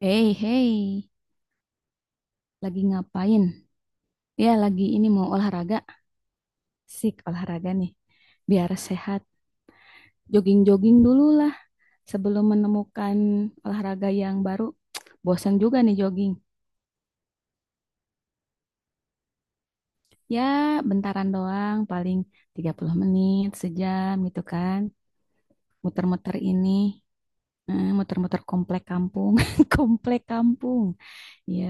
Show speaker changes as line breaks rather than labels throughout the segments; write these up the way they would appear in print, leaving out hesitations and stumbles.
Hey, hey, lagi ngapain? Ya, lagi ini mau olahraga. Sik, olahraga nih. Biar sehat. Jogging-jogging dulu lah sebelum menemukan olahraga yang baru. Bosan juga nih jogging. Ya, bentaran doang, paling 30 menit, sejam gitu kan. Muter-muter muter-muter komplek kampung. Komplek kampung. Ya,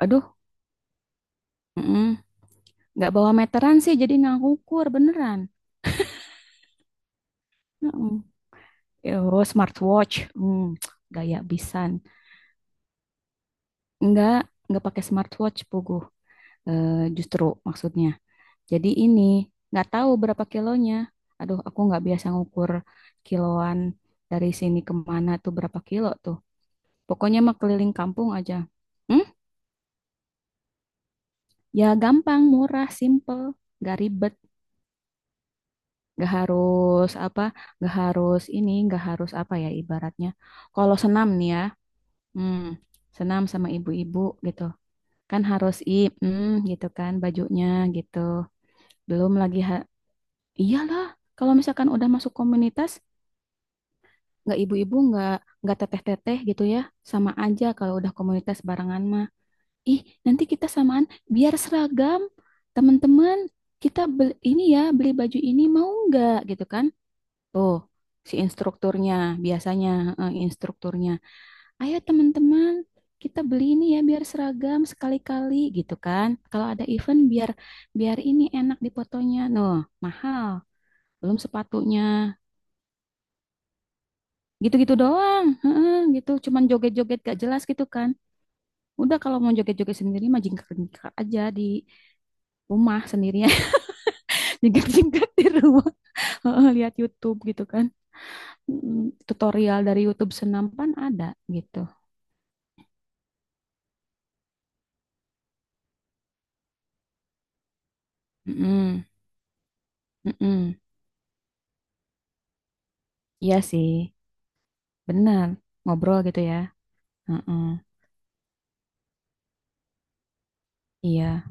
aduh, mm-mm. Nggak bawa meteran sih, jadi nggak ngukur beneran. Oh, smartwatch. Gaya bisan. Enggak, enggak pakai smartwatch, Pugu. Justru maksudnya. Jadi ini nggak tahu berapa kilonya. Aduh, aku nggak biasa ngukur kiloan dari sini kemana tuh berapa kilo tuh. Pokoknya mah keliling kampung aja. Hmm? Ya gampang, murah, simple, nggak ribet, nggak harus apa, nggak harus ini, nggak harus apa ya ibaratnya. Kalau senam nih ya, hmm, senam sama ibu-ibu gitu. Kan harus gitu kan bajunya gitu. Belum lagi iyalah kalau misalkan udah masuk komunitas, nggak ibu-ibu, nggak teteh-teteh gitu ya, sama aja kalau udah komunitas barengan mah. Ih, nanti kita samaan biar seragam, teman-teman kita beli ini ya, beli baju ini mau nggak gitu kan. Tuh si instrukturnya biasanya, instrukturnya, ayo teman-teman kita beli ini ya biar seragam sekali-kali gitu kan. Kalau ada event biar biar ini enak dipotonya. Noh, mahal. Belum sepatunya. Gitu-gitu doang. Heeh, gitu cuman joget-joget gak jelas gitu kan. Udah kalau mau joget-joget sendiri mah jingkrak-jingkrak aja di rumah sendirian. Jingkrak-jingkrak di rumah. Heeh, lihat YouTube gitu kan. Tutorial dari YouTube senampan ada gitu. Mm-mm, mm-mm. Iya sih, benar. Ngobrol gitu ya. Heeh, iya.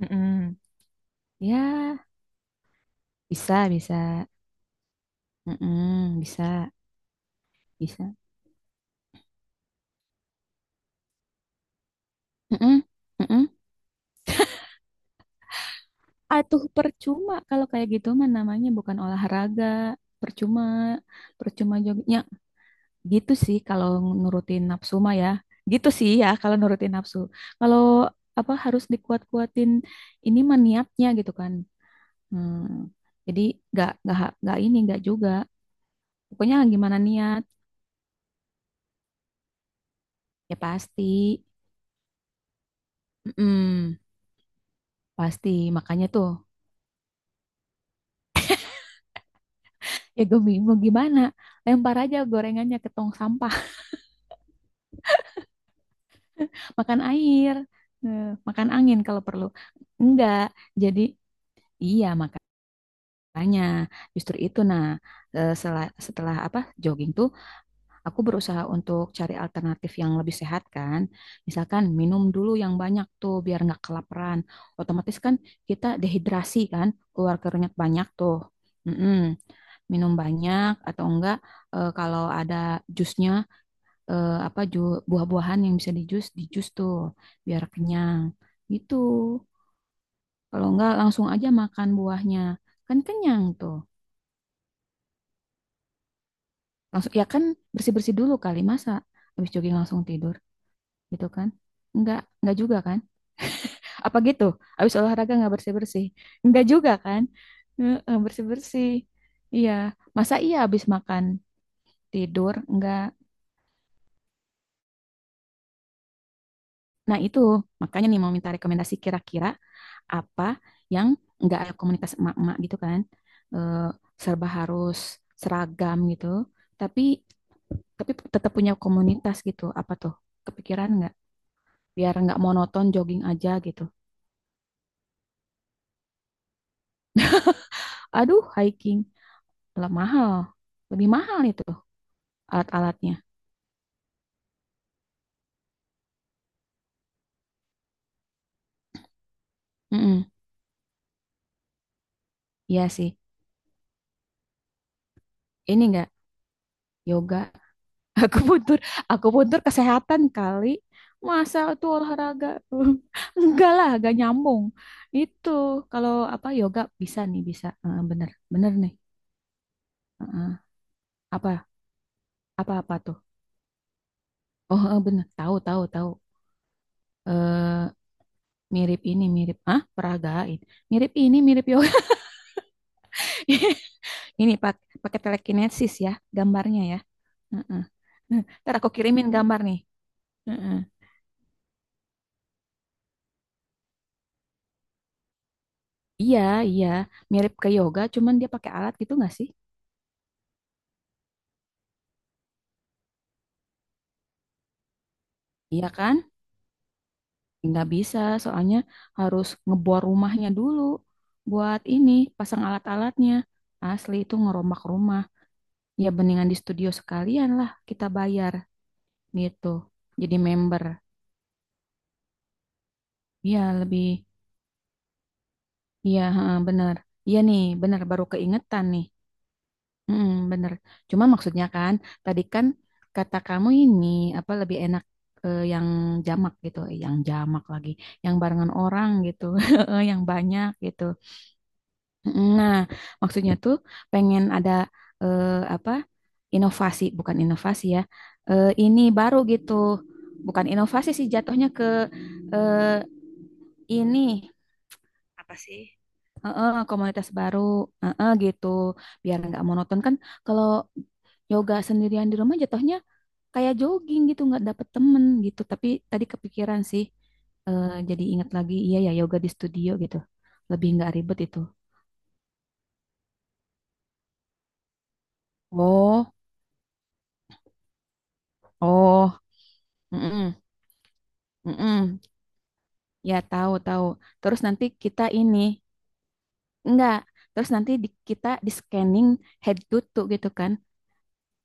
Mm. Ya, bisa, bisa. Heeh, bisa, bisa. Heeh, heeh. Atuh percuma kalau kayak gitu mah namanya bukan olahraga. Percuma, percuma jognya. Gitu sih kalau nurutin nafsu mah ya. Gitu sih ya kalau nurutin nafsu. Kalau apa, harus dikuat-kuatin ini mah niatnya gitu kan. Hmm. Jadi nggak ini nggak juga. Pokoknya gimana niat, ya pasti. Mm-mm. Pasti, makanya tuh ya gue bingung gimana. Lempar aja gorengannya ke tong sampah, makan eh, makan angin kalau perlu. Enggak, jadi iya, makanya justru itu. Nah, setelah apa jogging tuh, aku berusaha untuk cari alternatif yang lebih sehat kan. Misalkan minum dulu yang banyak tuh biar nggak kelaparan. Otomatis kan kita dehidrasi kan, keluar keringat banyak tuh. Mm-mm. Minum banyak atau enggak, kalau ada jusnya, buah-buahan yang bisa dijus, dijus tuh biar kenyang. Gitu. Kalau enggak langsung aja makan buahnya. Kan kenyang tuh. Langsung ya kan, bersih-bersih dulu kali, masa habis jogging langsung tidur. Gitu kan? Enggak juga kan? Apa gitu? Habis olahraga enggak bersih-bersih? Enggak juga kan? Heeh, bersih-bersih. Iya, masa iya habis makan tidur enggak? Nah, itu makanya nih mau minta rekomendasi kira-kira apa yang enggak ada komunitas emak-emak gitu kan? Eh, Serba harus seragam gitu, tapi tapi tetap punya komunitas gitu. Apa tuh? Kepikiran enggak? Biar enggak monoton jogging aja gitu. Aduh, hiking. Alat mahal. Lebih mahal itu alat-alatnya. Mm-mm. Iya sih. Ini enggak yoga. Aku butuh aku butuh kesehatan kali. Masa itu olahraga? Enggak lah, enggak nyambung. Itu kalau apa, yoga bisa nih, bisa. Bener, bener nih. Heeh. Apa apa apa tuh? Oh, bener. Tahu, tahu, tahu. Eh mirip ini, mirip ah, peragain. Mirip ini, mirip yoga. Ini pakai telekinesis ya gambarnya ya. Heeh. Nah, ntar aku kirimin gambar nih. Heeh. Iya, iya, mirip ke yoga, cuman dia pakai alat gitu nggak sih? Iya kan? Nggak bisa, soalnya harus ngebor rumahnya dulu buat ini, pasang alat-alatnya. Asli itu ngerombak rumah. Ya beningan di studio sekalian lah kita bayar gitu. Jadi member. Iya lebih, iya heeh, bener. Iya nih, bener baru keingetan nih. Bener. Cuma maksudnya kan, tadi kan kata kamu ini apa, lebih enak yang jamak gitu, yang jamak lagi, yang barengan orang gitu, yang banyak gitu. Nah, maksudnya tuh pengen ada, eh, apa, inovasi, bukan inovasi ya, ini baru gitu, bukan inovasi sih, jatuhnya ke, eh, ini. Apa sih? Komunitas baru, gitu, biar nggak monoton kan, kalau yoga sendirian di rumah jatuhnya kayak jogging gitu, nggak dapet temen gitu. Tapi tadi kepikiran sih, jadi ingat lagi, iya ya, yoga di studio gitu lebih nggak ribet itu. Oh. Oh, mm-mm, mm-mm. Ya tahu, tahu. Terus nanti kita ini, enggak, terus nanti kita di scanning head to toe gitu kan.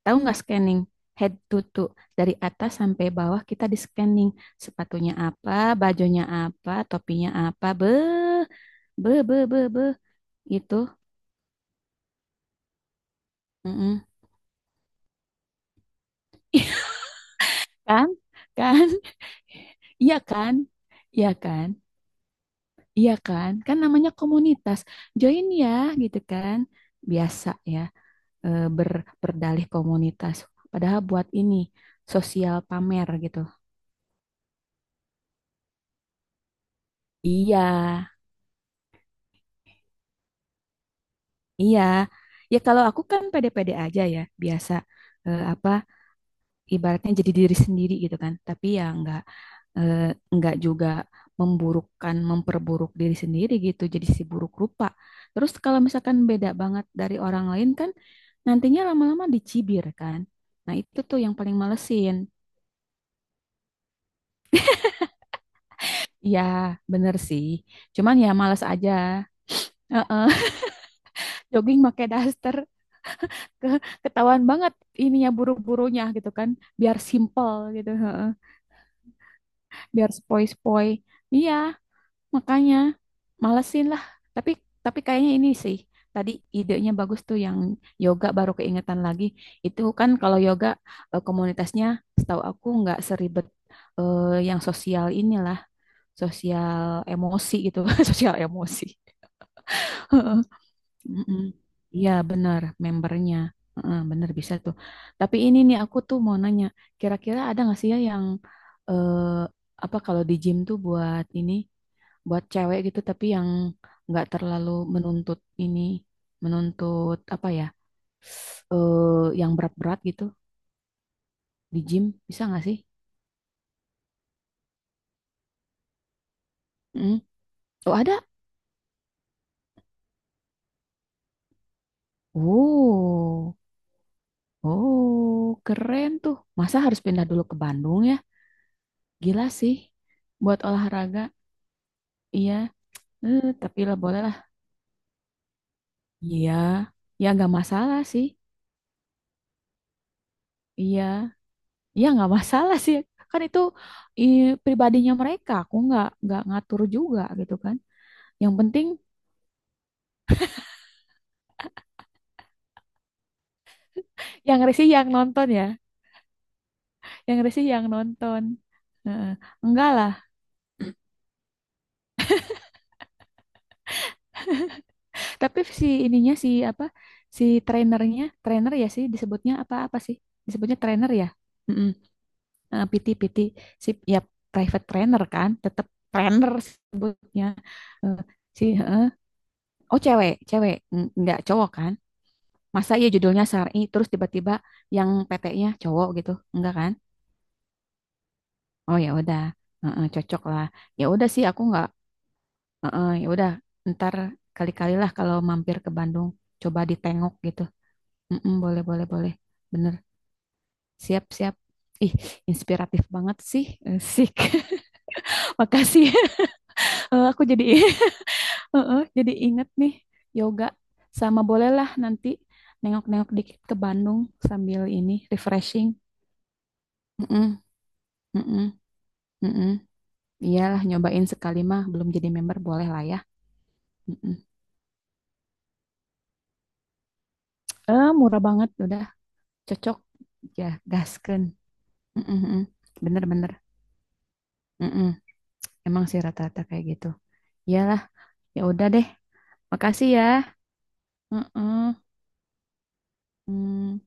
Tahu nggak scanning? Head to toe. Dari atas sampai bawah kita di scanning. Sepatunya apa, bajunya apa, topinya apa. Be, be, be, be, be. Gitu. Mm-mm. Kan? Kan? Iya kan? Iya kan? Iya kan? Kan namanya komunitas. Join ya, gitu kan? Biasa ya, eh, ber, berdalih komunitas. Padahal buat ini, sosial pamer gitu. Iya, iya, ya kalau aku kan pede-pede aja ya, biasa apa ibaratnya, jadi diri sendiri gitu kan. Tapi ya eh, nggak juga memburukkan, memperburuk diri sendiri gitu. Jadi si buruk rupa. Terus kalau misalkan beda banget dari orang lain kan, nantinya lama-lama dicibir kan. Nah itu tuh yang paling malesin. Iya, bener sih. Cuman ya males aja. Heeh, jogging pakai daster. Ketahuan banget ininya, buru-burunya gitu kan, biar simple gitu heeh. Biar spoi-spoi, iya, makanya malesin lah. tapi tapi kayaknya ini sih, tadi idenya bagus tuh, yang yoga, baru keingetan lagi. Itu kan kalau yoga, komunitasnya setahu aku nggak seribet yang sosial inilah, sosial emosi gitu. Sosial emosi. Mm-mm. Iya benar membernya. Heeh, benar, bisa tuh. Tapi ini nih aku tuh mau nanya, kira-kira ada nggak sih ya yang, apa, kalau di gym tuh buat ini, buat cewek gitu tapi yang nggak terlalu menuntut ini, menuntut apa ya, eh yang berat-berat gitu, di gym, bisa nggak sih? Mm. Oh ada. Oh, oh, keren tuh. Masa harus pindah dulu ke Bandung ya? Gila sih, buat olahraga, iya. Tapi lah boleh lah. Iya, ya nggak masalah sih. Iya, ya nggak masalah sih. Kan itu eh, pribadinya mereka. Aku nggak ngatur juga gitu kan. Yang penting, yang risih yang nonton ya. Yang risih yang nonton. Heeh. Enggak lah. Tapi si ininya si apa? Si trainernya, trainer ya sih disebutnya, apa apa sih? Disebutnya trainer ya. Mm-mm. PT PT si ya, private trainer kan, tetap trainer sebutnya. Eh, si heeh. Oh cewek, cewek, nggak cowok kan? Masa iya judulnya Sari terus tiba-tiba yang PT-nya cowok gitu, enggak kan? Oh ya udah. Heeh, cocok lah. Ya udah sih, aku nggak. Heeh, ya udah, ntar kali-kali lah kalau mampir ke Bandung, coba ditengok gitu. Mm-mm, boleh, boleh, boleh. Bener, siap, siap. Ih, inspiratif banget sih, sik. Makasih. Aku jadi heeh, jadi inget nih yoga, sama bolehlah nanti nengok-nengok dikit ke Bandung sambil ini refreshing. Mm-mm, mm-mm, mm-mm. Iyalah, nyobain sekali mah belum jadi member boleh lah ya. Mm-mm. Murah banget, udah cocok ya, gaskeun. Mm-mm, mm-mm. Bener-bener. Mm-mm. Emang sih rata-rata kayak gitu. Iyalah, ya udah deh. Makasih ya. Heeh. Mm.